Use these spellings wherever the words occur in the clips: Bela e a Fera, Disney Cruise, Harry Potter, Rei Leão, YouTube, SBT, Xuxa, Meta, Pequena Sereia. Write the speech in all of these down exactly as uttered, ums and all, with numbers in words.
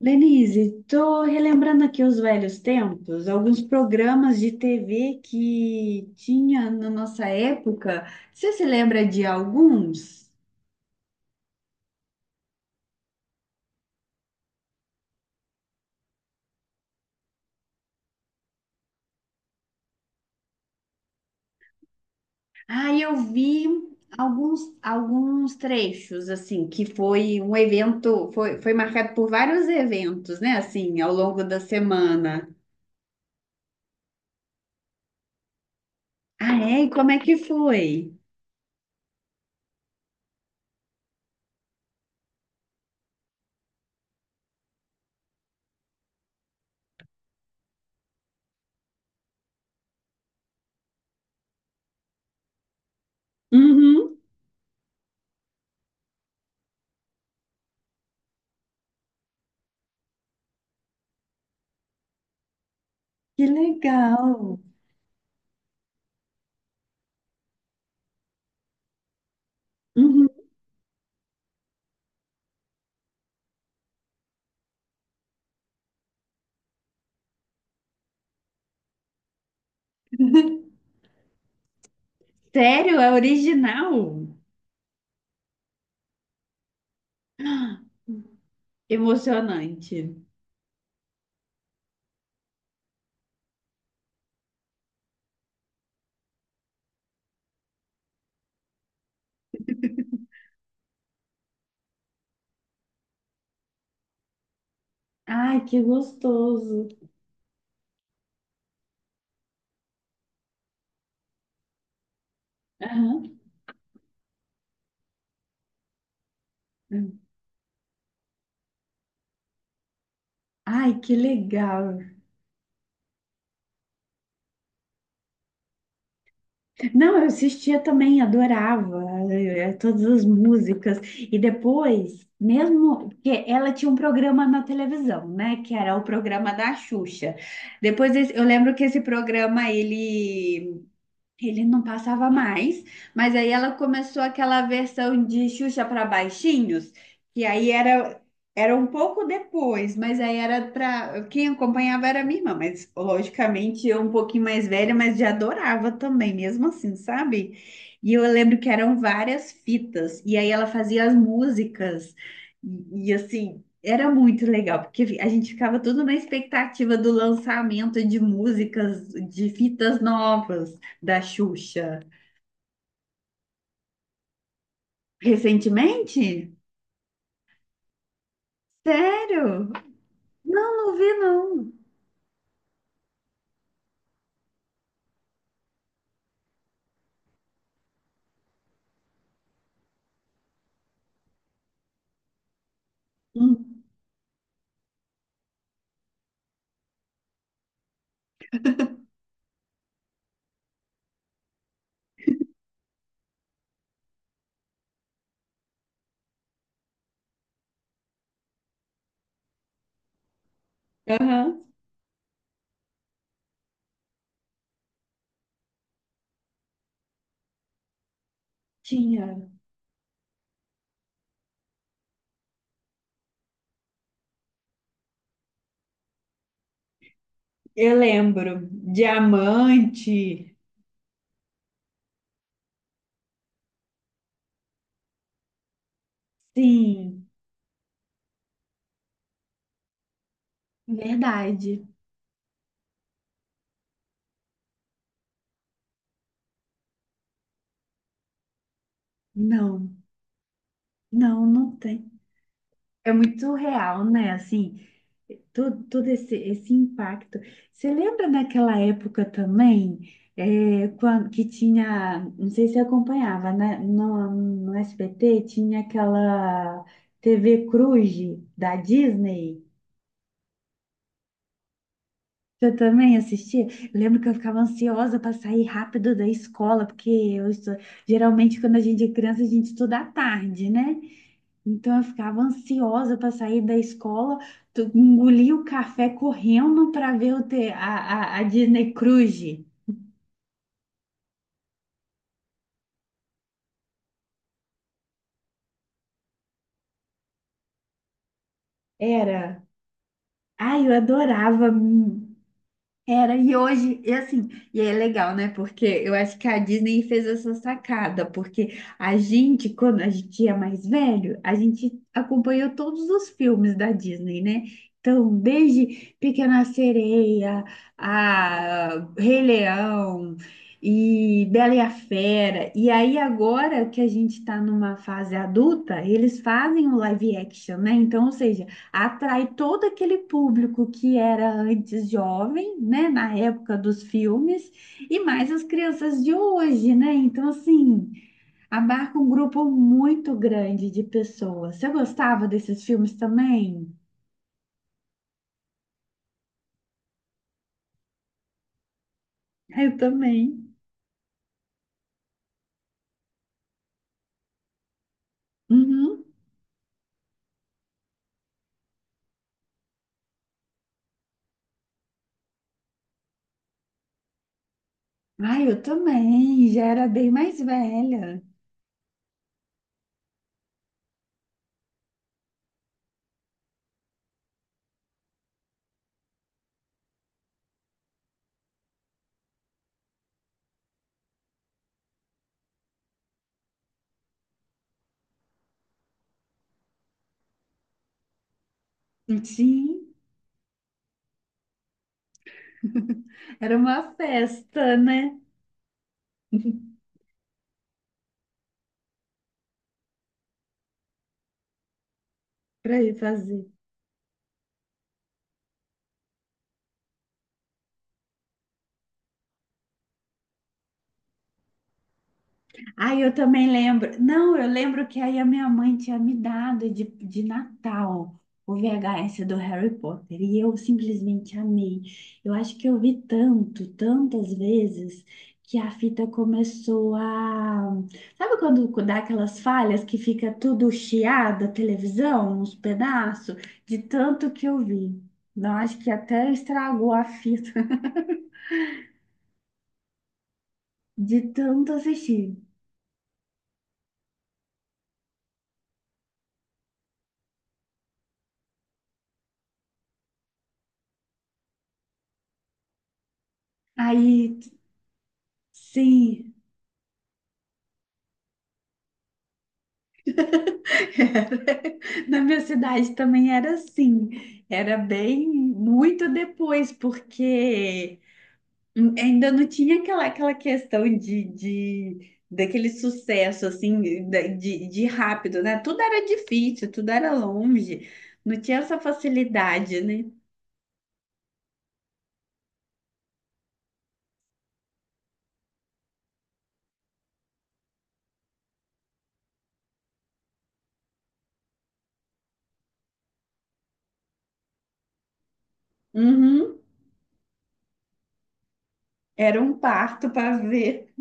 Lenise, tô relembrando aqui os velhos tempos, alguns programas de T V que tinha na nossa época. Você se lembra de alguns? Ah, eu vi alguns, alguns trechos, assim, que foi um evento, foi, foi marcado por vários eventos, né, assim, ao longo da semana. Ah, é? E como é que foi? Uhum, que legal. Uhum. Sério? É original? Ah, emocionante. Ai, que gostoso. Aham. Ai, que legal. Não, eu assistia também, adorava eh, todas as músicas. E depois, mesmo que ela tinha um programa na televisão, né? Que era o programa da Xuxa. Depois, esse- eu lembro que esse programa, ele ele não passava mais, mas aí ela começou aquela versão de Xuxa para baixinhos, que aí era era um pouco depois, mas aí era para quem acompanhava era minha irmã, mas logicamente eu um pouquinho mais velha, mas já adorava também, mesmo assim, sabe? E eu lembro que eram várias fitas, e aí ela fazia as músicas, e, e, assim, era muito legal, porque a gente ficava tudo na expectativa do lançamento de músicas, de fitas novas da Xuxa recentemente? Sério? Não, não vi, não. Hum. Aham, tinha. Eu lembro. Diamante. Sim, verdade. Não, não, não tem. É muito real, né? Assim, Todo, todo esse, esse impacto. Você lembra daquela época também, é, quando, que tinha, não sei se você acompanhava, né? No, no S B T tinha aquela T V Cruz da Disney. Você também assistia? Eu lembro que eu ficava ansiosa para sair rápido da escola, porque eu estu- geralmente quando a gente é criança a gente estuda à tarde, né? Então eu ficava ansiosa para sair da escola, tu- engolia o café correndo para ver o te- a, a, a Disney Cruise. Era. Ai, eu adorava. Hum, era, e hoje, e assim, e é legal, né? Porque eu acho que a Disney fez essa sacada, porque a gente, quando a gente é mais velho, a gente acompanhou todos os filmes da Disney, né? Então, desde Pequena Sereia, a Rei Leão e Bela e a Fera. E aí, agora que a gente está numa fase adulta, eles fazem o live action, né? Então, ou seja, atrai todo aquele público que era antes jovem, né, na época dos filmes, e mais as crianças de hoje, né? Então, assim, abarca um grupo muito grande de pessoas. Você gostava desses filmes também? Eu também. Uhum. Ah, eu também. Já era bem mais velha. Sim, era uma festa, né? Para ir fazer. Ah, eu também lembro. Não, eu lembro que aí a minha mãe tinha me dado de, de Natal o V H S do Harry Potter e eu simplesmente amei. Eu acho que eu vi tanto, tantas vezes que a fita começou a... Sabe quando dá aquelas falhas que fica tudo chiado, a televisão, uns pedaços? De tanto que eu vi. Não, acho que até estragou a fita de tanto assistir. Aí, sim. Na minha cidade também era assim, era bem muito depois, porque ainda não tinha aquela, aquela questão de, de daquele sucesso assim da- de, de rápido, né? Tudo era difícil, tudo era longe, não tinha essa facilidade, né? Uhum, era um parto para ver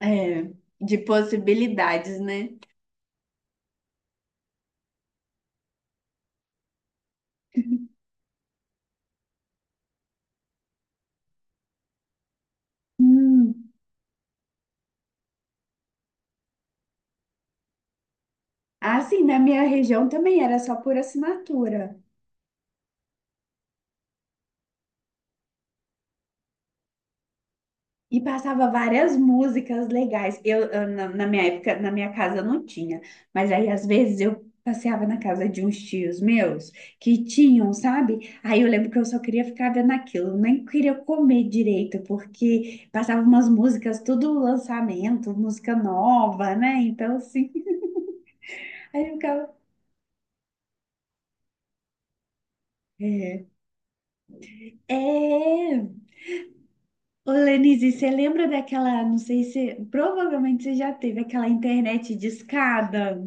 é, de possibilidades, né? Hum. Ah, sim, na minha região também era só por assinatura. E passava várias músicas legais. Eu, eu, na, na minha época, na minha casa não tinha, mas aí às vezes eu passeava na casa de uns tios meus que tinham, sabe? Aí eu lembro que eu só queria ficar vendo aquilo, nem queria comer direito, porque passava umas músicas, tudo lançamento, música nova, né? Então, assim, aí eu ficava. É. É. Ô, Lenise, você lembra daquela, não sei se, provavelmente você já teve aquela internet discada?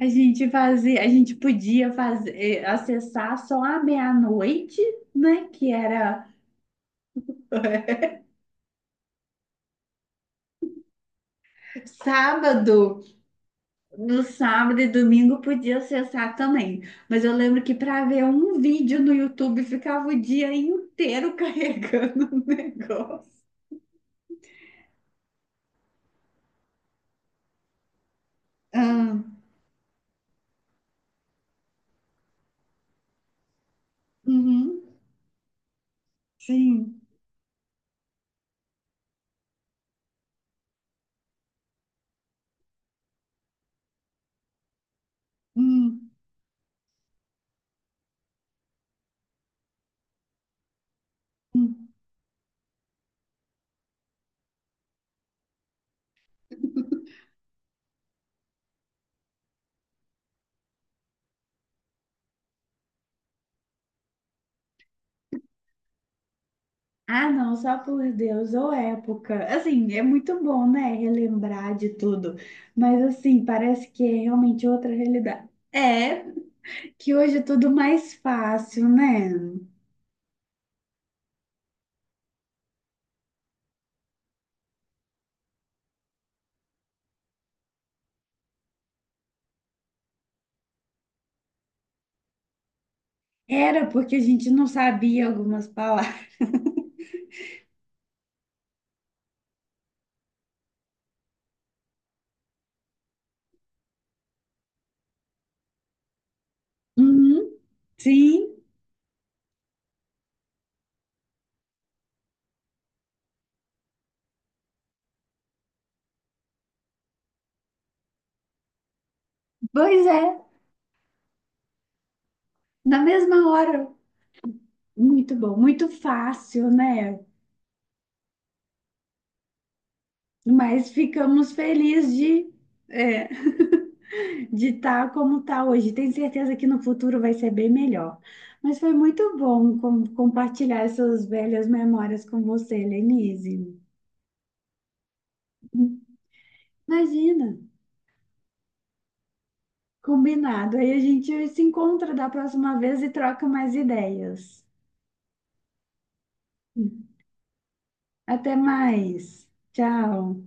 A gente fazia, a gente podia fazer, eh, acessar só à meia-noite, né? Que era sábado, no sábado e domingo podia acessar também. Mas eu lembro que para ver um vídeo no YouTube ficava o dia inteiro carregando o negócio. Ah, uhum, sim. Hum, hum. Ah, não, só por Deus, ou época. Assim, é muito bom, né? Relembrar de tudo. Mas, assim, parece que é realmente outra realidade. É que hoje é tudo mais fácil, né? Era porque a gente não sabia algumas palavras. Uhum, sim, pois é. Na mesma hora. Muito bom, muito fácil, né? Mas ficamos felizes de. É. De estar como está hoje. Tenho certeza que no futuro vai ser bem melhor. Mas foi muito bom com- compartilhar essas velhas memórias com você, Lenise. Imagina, combinado. Aí a gente se encontra da próxima vez e troca mais ideias. Até mais. Tchau.